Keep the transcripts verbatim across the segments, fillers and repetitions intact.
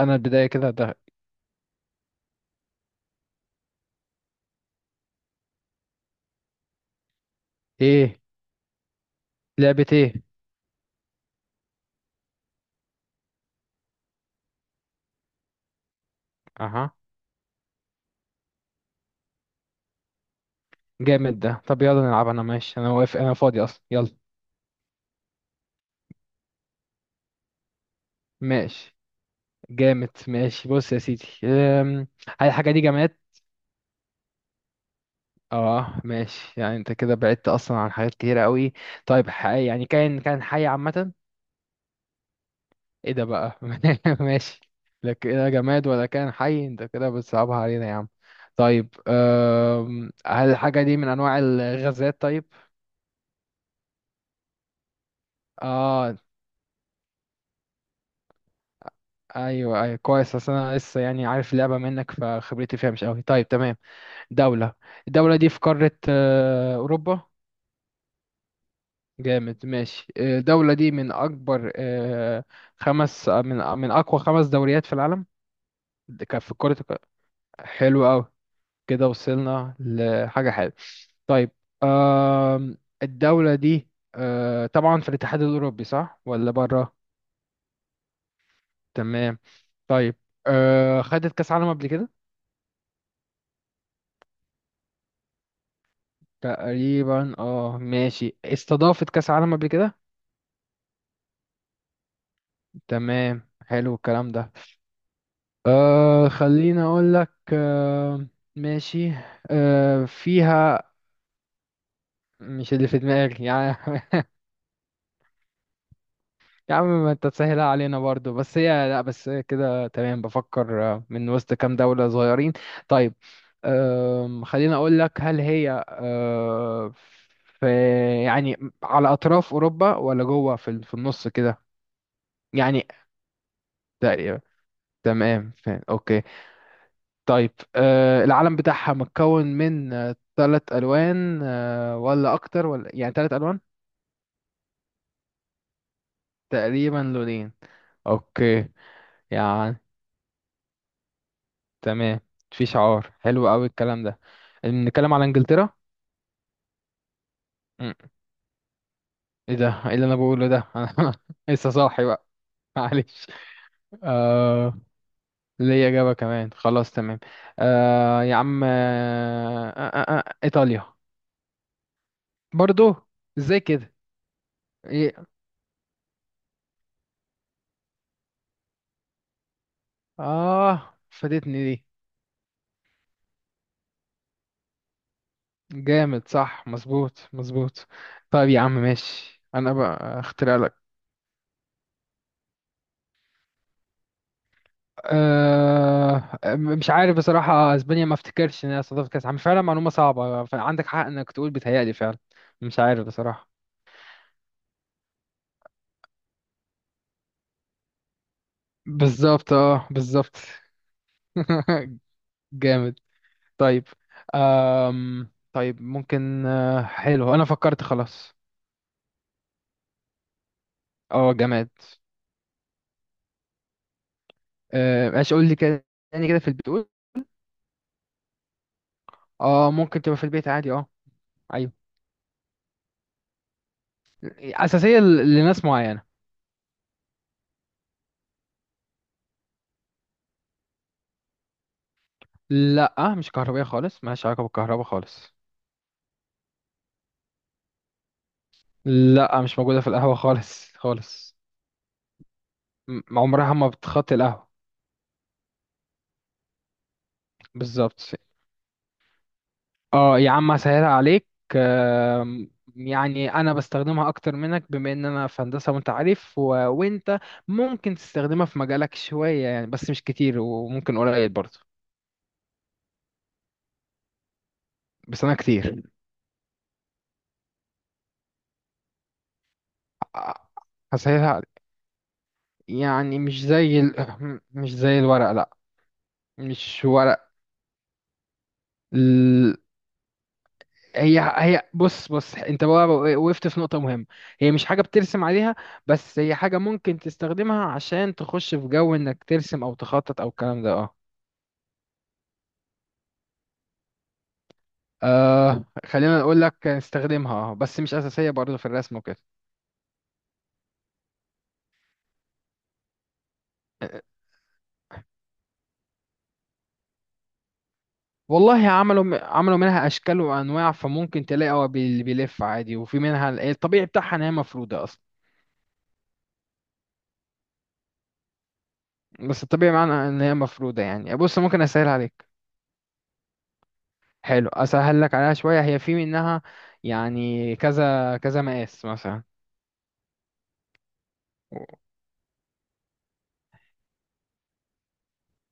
انا البداية كده ده. ايه؟ لعبة ايه؟ اها. جامد ده، طب يلا نلعب. انا ماشي، انا واقف، انا فاضي اصلا. يلا، ماشي. جامد ماشي. بص يا سيدي، أم، هل الحاجة دي جماد؟ اه ماشي، يعني انت كده بعدت اصلا عن حاجات كتيرة قوي. طيب، حي؟ يعني كان كان حي عامة؟ ايه ده بقى ماشي. لك ايه، جماد ولا كان حي؟ انت كده بتصعبها علينا يا عم. طيب، أم، هل الحاجة دي من انواع الغازات؟ طيب. اه، ايوه ايوه، كويس. اصل انا لسه يعني عارف اللعبه منك، فخبرتي فيها مش قوي. طيب تمام. دوله. الدوله دي في قاره آه، اوروبا؟ جامد ماشي. آه، الدوله دي من اكبر آه، خمس آه، من من اقوى خمس دوريات في العالم. ده كان في كره الق-. حلو قوي، كده وصلنا لحاجه حلوه. طيب. آم، الدوله دي آه، طبعا في الاتحاد الاوروبي، صح ولا بره؟ تمام. طيب، آه، خدت كاس عالم قبل كده؟ تقريبا. اه ماشي، استضافت كأس عالم قبل كده. تمام، حلو الكلام ده. آه خليني اقول لك. آه ماشي. آه فيها. مش اللي في دماغي يعني يا عم، ما انت تسهلها علينا برضو. بس هي لا، بس هي كده. تمام بفكر، آه، من وسط كام دولة صغيرين. طيب، آه خليني اقول لك، هل هي آه في يعني على اطراف اوروبا ولا جوه في في النص كده يعني؟ تمام فاهم، اوكي. طيب، آه العلم بتاعها متكون من آه تلات الوان آه ولا اكتر، ولا يعني تلات الوان؟ تقريبا لونين، اوكي. يعني تمام، في شعار، حلو قوي الكلام ده. نتكلم على انجلترا؟ مم. ايه ده؟ ايه اللي انا بقوله ده؟ انا لسه صاحي بقى معلش. آه، ليا اجابة كمان، خلاص تمام. آه يا عم، آه آه آه آه، ايطاليا. برضو؟ ازاي كده؟ إيه؟ اه، فاتتني دي. جامد، صح، مظبوط مظبوط. طيب يا عم ماشي، انا بقى اخترع لك. أه مش عارف بصراحة، اسبانيا ما افتكرش ان هي استضافت كاس عالم فعلا. معلومة صعبة، فعندك حق انك تقول بيتهيألي فعلا. مش عارف بصراحة. بالظبط، اه بالظبط. جامد. طيب، أم طيب، ممكن آه، حلو انا فكرت خلاص. اه جامد. آه، ايش قول لي كده تاني، كده في البيت؟ قول. اه، ممكن تبقى في البيت عادي، اه. ايوه، اساسيه ل- لناس معينه. لا مش كهربائية خالص، مالهاش علاقة بالكهرباء خالص. لا، مش موجودة في القهوة خالص خالص. م- عمرها ما بتخطي القهوة. بالظبط. اه يا عم، هسهلها عليك. آم، يعني انا بستخدمها اكتر منك، بما ان انا في هندسة وانت عارف، و... وانت ممكن تستخدمها في مجالك شوية يعني، بس مش كتير، وممكن قليل برضه. بس انا كتير. آه، هسهلها عليك. يعني مش زي ال... مش زي الورق، لا مش ورق. هي هي بص بص، انت بقى وقفت في نقطة مهمة. هي مش حاجة بترسم عليها، بس هي حاجة ممكن تستخدمها عشان تخش في جو انك ترسم او تخطط او الكلام ده، اه. آه، خلينا نقول لك استخدمها اه، بس مش أساسية برضه في الرسم وكده. آه، والله عملوا عملوا منها اشكال وانواع. فممكن تلاقي هو بي- بيلف عادي، وفي منها ال- الطبيعي بتاعها ان هي مفروده اصلا. بس الطبيعي معناه ان هي مفروده. يعني بص، ممكن اسهل عليك. حلو، اسهل لك عليها شويه. هي في منها يعني كذا كذا مقاس مثلا.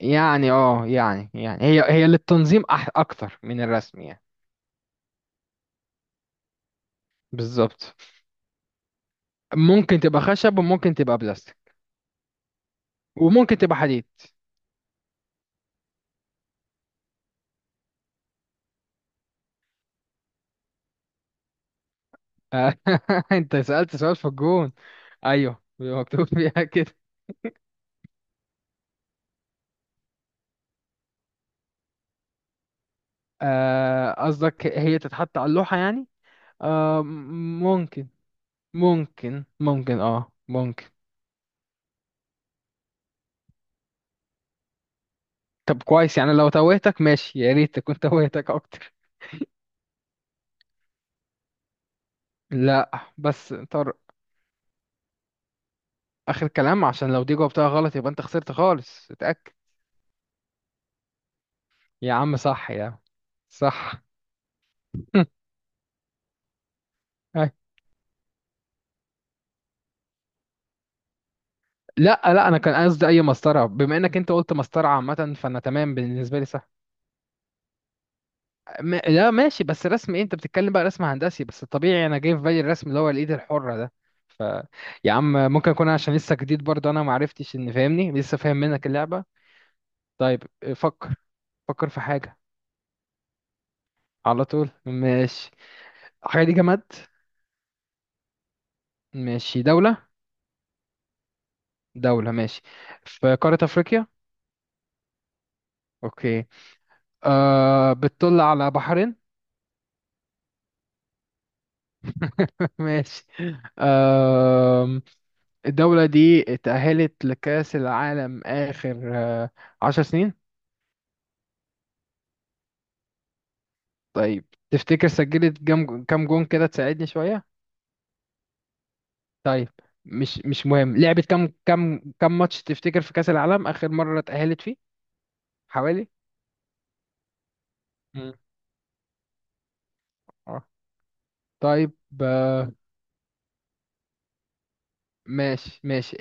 يعني اه، يعني يعني هي هي للتنظيم، أح اكتر من الرسم يعني. بالظبط. ممكن تبقى خشب، وممكن تبقى بلاستيك، وممكن تبقى حديد. آه، انت سألت سؤال في الجون. ايوه، بيبقى مكتوب فيها كده. آه، قصدك هي تتحط على اللوحة يعني؟ آه، م- ممكن ممكن ممكن اه ممكن. طب كويس يعني لو توهتك ماشي، يا ريت كنت توهتك اكتر. لا بس طارق، اخر كلام، عشان لو دي جاوبتها غلط يبقى انت خسرت خالص. اتاكد. يا عم صح، يا عم صح. أي. لا لا، انا كان قصدي اي مسطره، بما انك انت قلت مسطره عامه فانا تمام بالنسبه لي، صح. م... لا ماشي، بس رسم ايه انت بتتكلم بقى؟ رسم هندسي؟ بس الطبيعي انا جاي في بالي الرسم اللي هو الايد الحره ده. ف يا عم، ممكن اكون عشان لسه جديد برضه، انا ما عرفتش ان فاهمني لسه فاهم منك اللعبه. طيب، فكر فكر في حاجه. على طول ماشي. الحاجه دي جماد؟ ماشي. دوله؟ دولة ماشي. في قارة أفريقيا. أوكي. آه، بتطل على بحرين؟ ماشي. آه، الدولة دي اتأهلت لكأس العالم آخر آه عشر سنين؟ طيب، تفتكر سجلت كام كام جون كده، تساعدني شوية؟ طيب، مش مش مهم. لعبت كام كام كام ماتش تفتكر في كأس العالم آخر مرة اتأهلت فيه؟ حوالي. مم. اه طيب. آه ماشي ماشي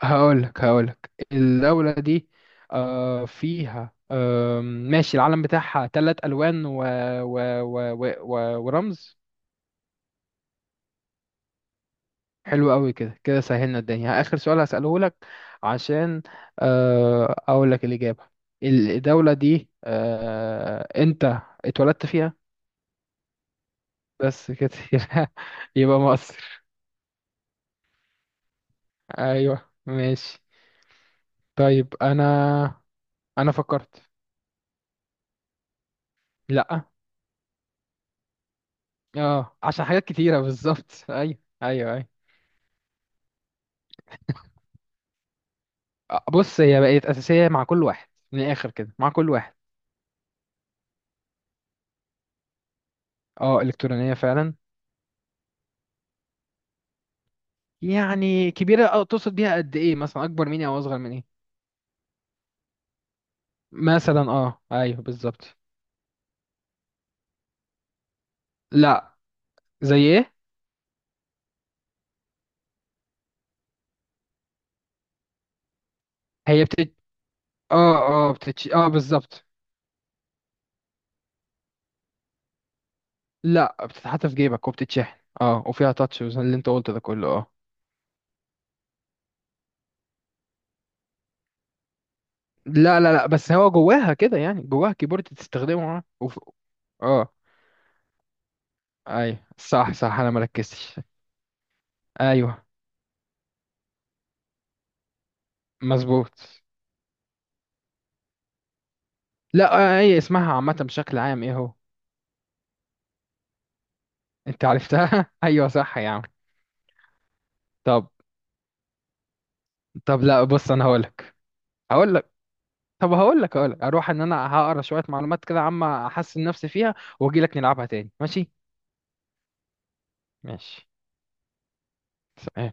هقولك هقولك الدولة دي آه فيها. آه ماشي. العلم بتاعها تلات ألوان و... و... و... و... و... ورمز. حلو قوي، كده كده سهلنا الدنيا. آخر سؤال هسأله لك، عشان آه أقول لك الإجابة. الدولة دي آه أنت اتولدت فيها؟ بس كده يبقى مصر. أيوه ماشي. طيب أنا أنا فكرت. لأ، اه عشان حاجات كتيرة بالظبط. أيوه أيوه أيوه. بص هي بقت اساسيه مع كل واحد، من الاخر كده، مع كل واحد. اه، الكترونيه فعلا. يعني كبيره. اه، تقصد بيها قد ايه مثلا، اكبر مني او اصغر مني؟ مثلا، اه ايوه بالظبط. لا. زي ايه؟ هي بتت اه اه بتتش، اه بالظبط. لا، بتتحط في جيبك وبتتشحن اه، وفيها تاتش اللي انت قلته ده كله، اه. لا لا لا، بس هو جواها كده يعني، جواها كيبورد تستخدمه، اه. وف- اه ايوه، صح صح، انا مركزتش. ايوه مظبوط. لا، آه، هي اسمها عامة، بشكل عام ايه هو؟ انت عرفتها ايوه صح يا عم. طب طب لا بص، انا هقولك هقولك طب هقولك هقولك اروح ان انا هقرا شوية معلومات كده عامة، احسن نفسي فيها، واجيلك نلعبها تاني ماشي. ماشي سلام.